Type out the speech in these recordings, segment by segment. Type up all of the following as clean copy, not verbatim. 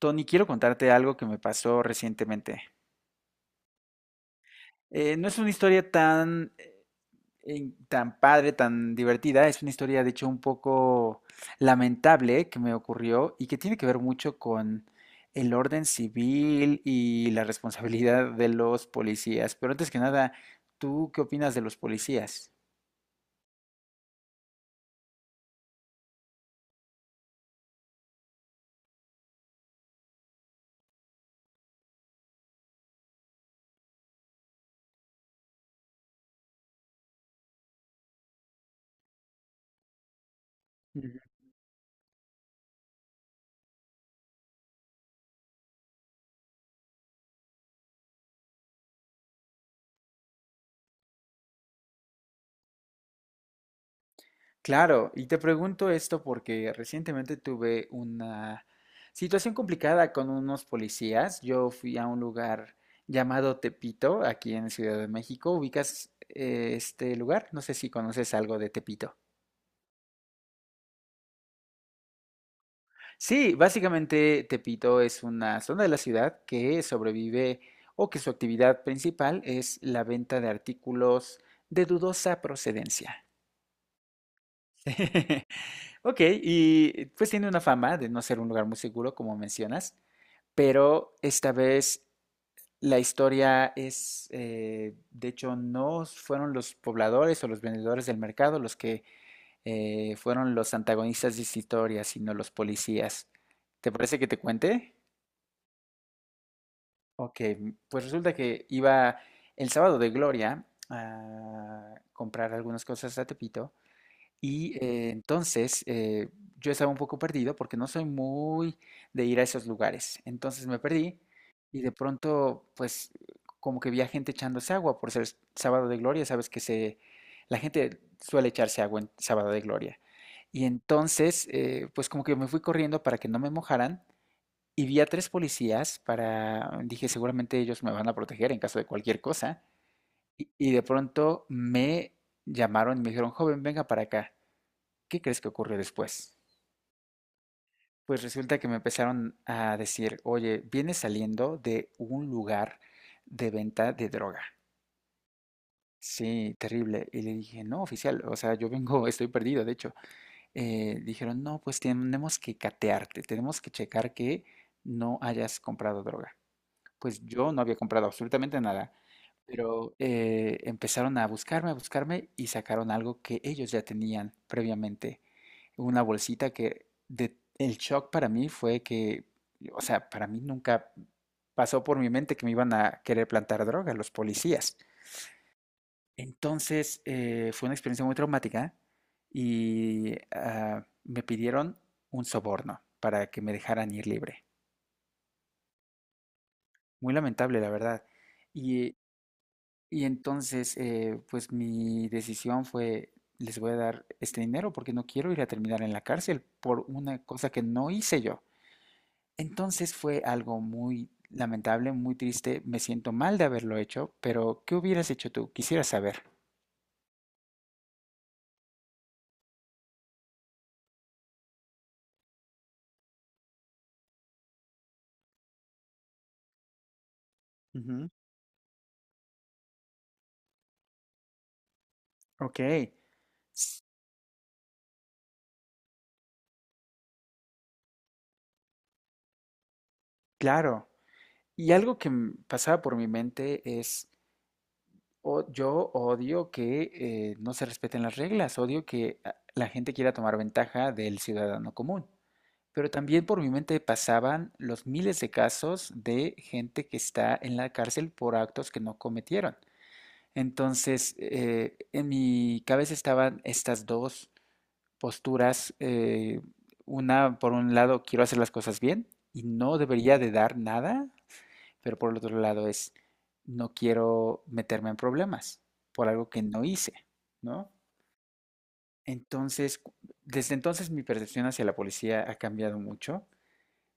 Tony, quiero contarte algo que me pasó recientemente. No es una historia tan, tan padre, tan divertida, es una historia de hecho un poco lamentable que me ocurrió y que tiene que ver mucho con el orden civil y la responsabilidad de los policías. Pero antes que nada, ¿tú qué opinas de los policías? Claro, y te pregunto esto porque recientemente tuve una situación complicada con unos policías. Yo fui a un lugar llamado Tepito, aquí en Ciudad de México. ¿Ubicas este lugar? No sé si conoces algo de Tepito. Sí, básicamente Tepito es una zona de la ciudad que sobrevive o que su actividad principal es la venta de artículos de dudosa procedencia. Ok, y pues tiene una fama de no ser un lugar muy seguro, como mencionas, pero esta vez la historia es, de hecho, no fueron los pobladores o los vendedores del mercado los que fueron los antagonistas de esta historia, sino los policías. ¿Te parece que te cuente? Ok, pues resulta que iba el sábado de Gloria a comprar algunas cosas a Tepito. Y entonces yo estaba un poco perdido porque no soy muy de ir a esos lugares. Entonces me perdí y de pronto, pues, como que vi a gente echándose agua por ser sábado de gloria. Sabes que se, la gente suele echarse agua en sábado de gloria. Y entonces, pues, como que me fui corriendo para que no me mojaran y vi a 3 policías para, dije, seguramente ellos me van a proteger en caso de cualquier cosa. Y, de pronto me llamaron y me dijeron, joven, venga para acá. ¿Qué crees que ocurrió después? Pues resulta que me empezaron a decir, oye, vienes saliendo de un lugar de venta de droga. Sí, terrible. Y le dije, no, oficial, o sea, yo vengo, estoy perdido, de hecho. Dijeron, no, pues tenemos que catearte, tenemos que checar que no hayas comprado droga. Pues yo no había comprado absolutamente nada, pero empezaron a buscarme y sacaron algo que ellos ya tenían previamente. Una bolsita que el shock para mí fue que, o sea, para mí nunca pasó por mi mente que me iban a querer plantar droga los policías. Entonces, fue una experiencia muy traumática y me pidieron un soborno para que me dejaran ir libre. Muy lamentable, la verdad. Y, entonces, pues mi decisión fue, les voy a dar este dinero porque no quiero ir a terminar en la cárcel por una cosa que no hice yo. Entonces fue algo muy lamentable, muy triste. Me siento mal de haberlo hecho, pero ¿qué hubieras hecho tú? Quisiera saber. Ujú. Ok, s- claro. Y algo que pasaba por mi mente es, yo odio que no se respeten las reglas, odio que la gente quiera tomar ventaja del ciudadano común. Pero también por mi mente pasaban los miles de casos de gente que está en la cárcel por actos que no cometieron. Entonces, en mi cabeza estaban estas dos posturas. Una, por un lado, quiero hacer las cosas bien y no debería de dar nada, pero por el otro lado es, no quiero meterme en problemas por algo que no hice, ¿no? Entonces, desde entonces mi percepción hacia la policía ha cambiado mucho,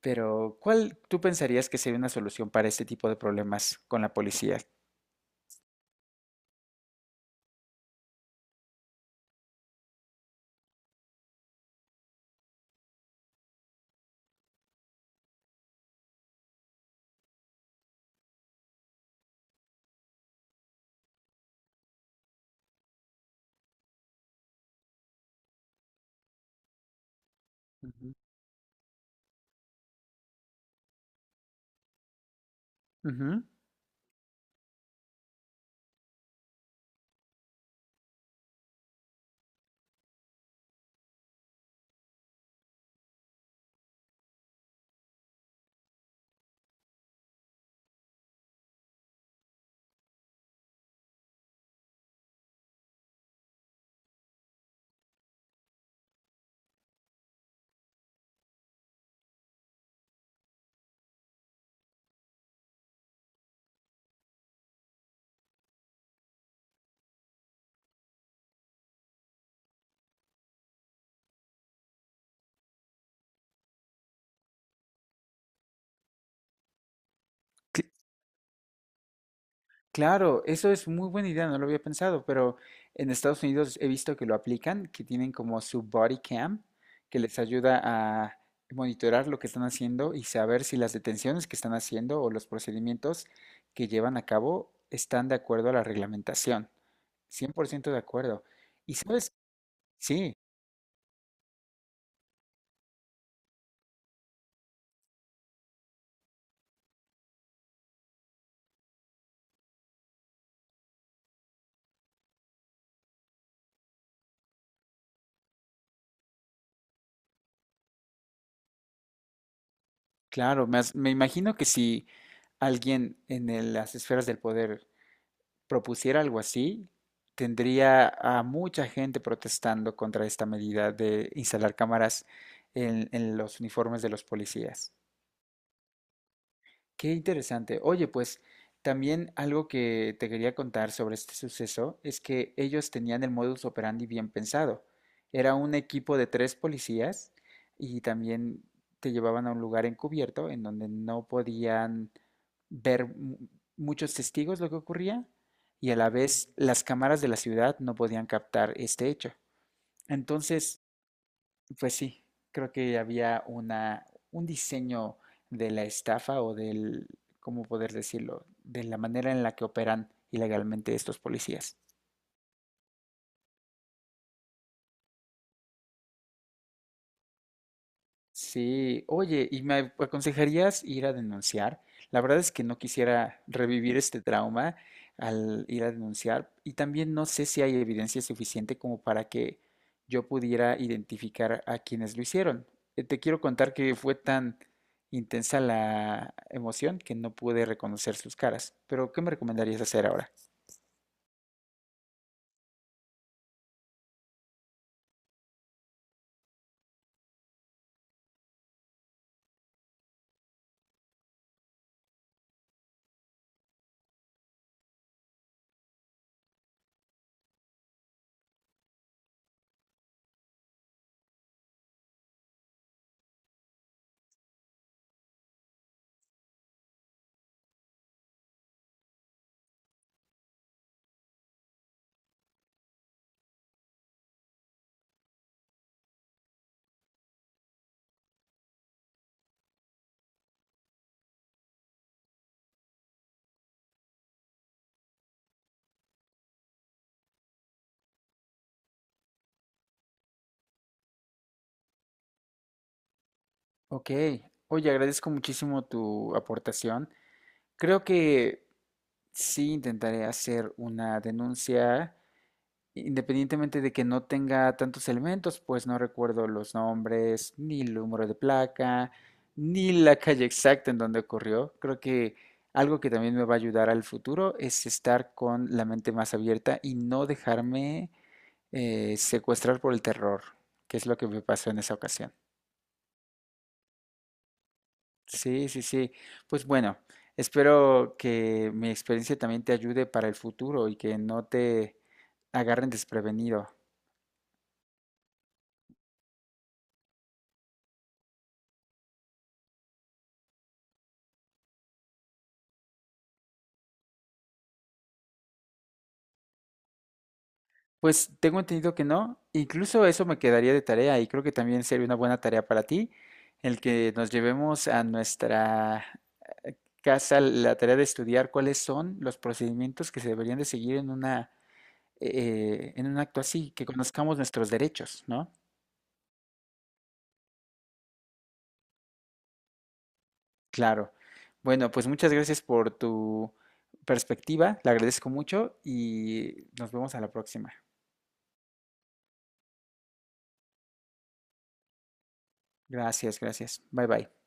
pero ¿cuál tú pensarías que sería una solución para este tipo de problemas con la policía? Ujú. Ujú. Claro, eso es muy buena idea, no lo había pensado, pero en Estados Unidos he visto que lo aplican, que tienen como su body cam, que les ayuda a monitorar lo que están haciendo y saber si las detenciones que están haciendo o los procedimientos que llevan a cabo están de acuerdo a la reglamentación. 100% de acuerdo. Y sabes, sí, claro, me, me imagino que si alguien en las esferas del poder propusiera algo así, tendría a mucha gente protestando contra esta medida de instalar cámaras en, los uniformes de los policías. Qué interesante. Oye, pues también algo que te quería contar sobre este suceso es que ellos tenían el modus operandi bien pensado. Era un equipo de 3 policías y también te llevaban a un lugar encubierto en donde no podían ver muchos testigos lo que ocurría y a la vez las cámaras de la ciudad no podían captar este hecho. Entonces, pues sí, creo que había una, un diseño de la estafa o del, ¿cómo poder decirlo? De la manera en la que operan ilegalmente estos policías. Sí, oye, ¿y me aconsejarías ir a denunciar? La verdad es que no quisiera revivir este trauma al ir a denunciar y también no sé si hay evidencia suficiente como para que yo pudiera identificar a quienes lo hicieron. Te quiero contar que fue tan intensa la emoción que no pude reconocer sus caras, pero ¿qué me recomendarías hacer ahora? Ok, oye, agradezco muchísimo tu aportación. Creo que sí intentaré hacer una denuncia independientemente de que no tenga tantos elementos, pues no recuerdo los nombres, ni el número de placa, ni la calle exacta en donde ocurrió. Creo que algo que también me va a ayudar al futuro es estar con la mente más abierta y no dejarme secuestrar por el terror, que es lo que me pasó en esa ocasión. Sí, sí, sí. Pues bueno, espero que mi experiencia también te ayude para el futuro y que no te agarren desprevenido. Pues tengo entendido que no. Incluso eso me quedaría de tarea y creo que también sería una buena tarea para ti el que nos llevemos a nuestra eh, casa la tarea de estudiar cuáles son los procedimientos que se deberían de seguir en una en un acto así, que conozcamos nuestros derechos, ¿no? Claro. Bueno, pues muchas gracias por tu perspectiva, la agradezco mucho y nos vemos a la próxima. Gracias, gracias. Bye bye.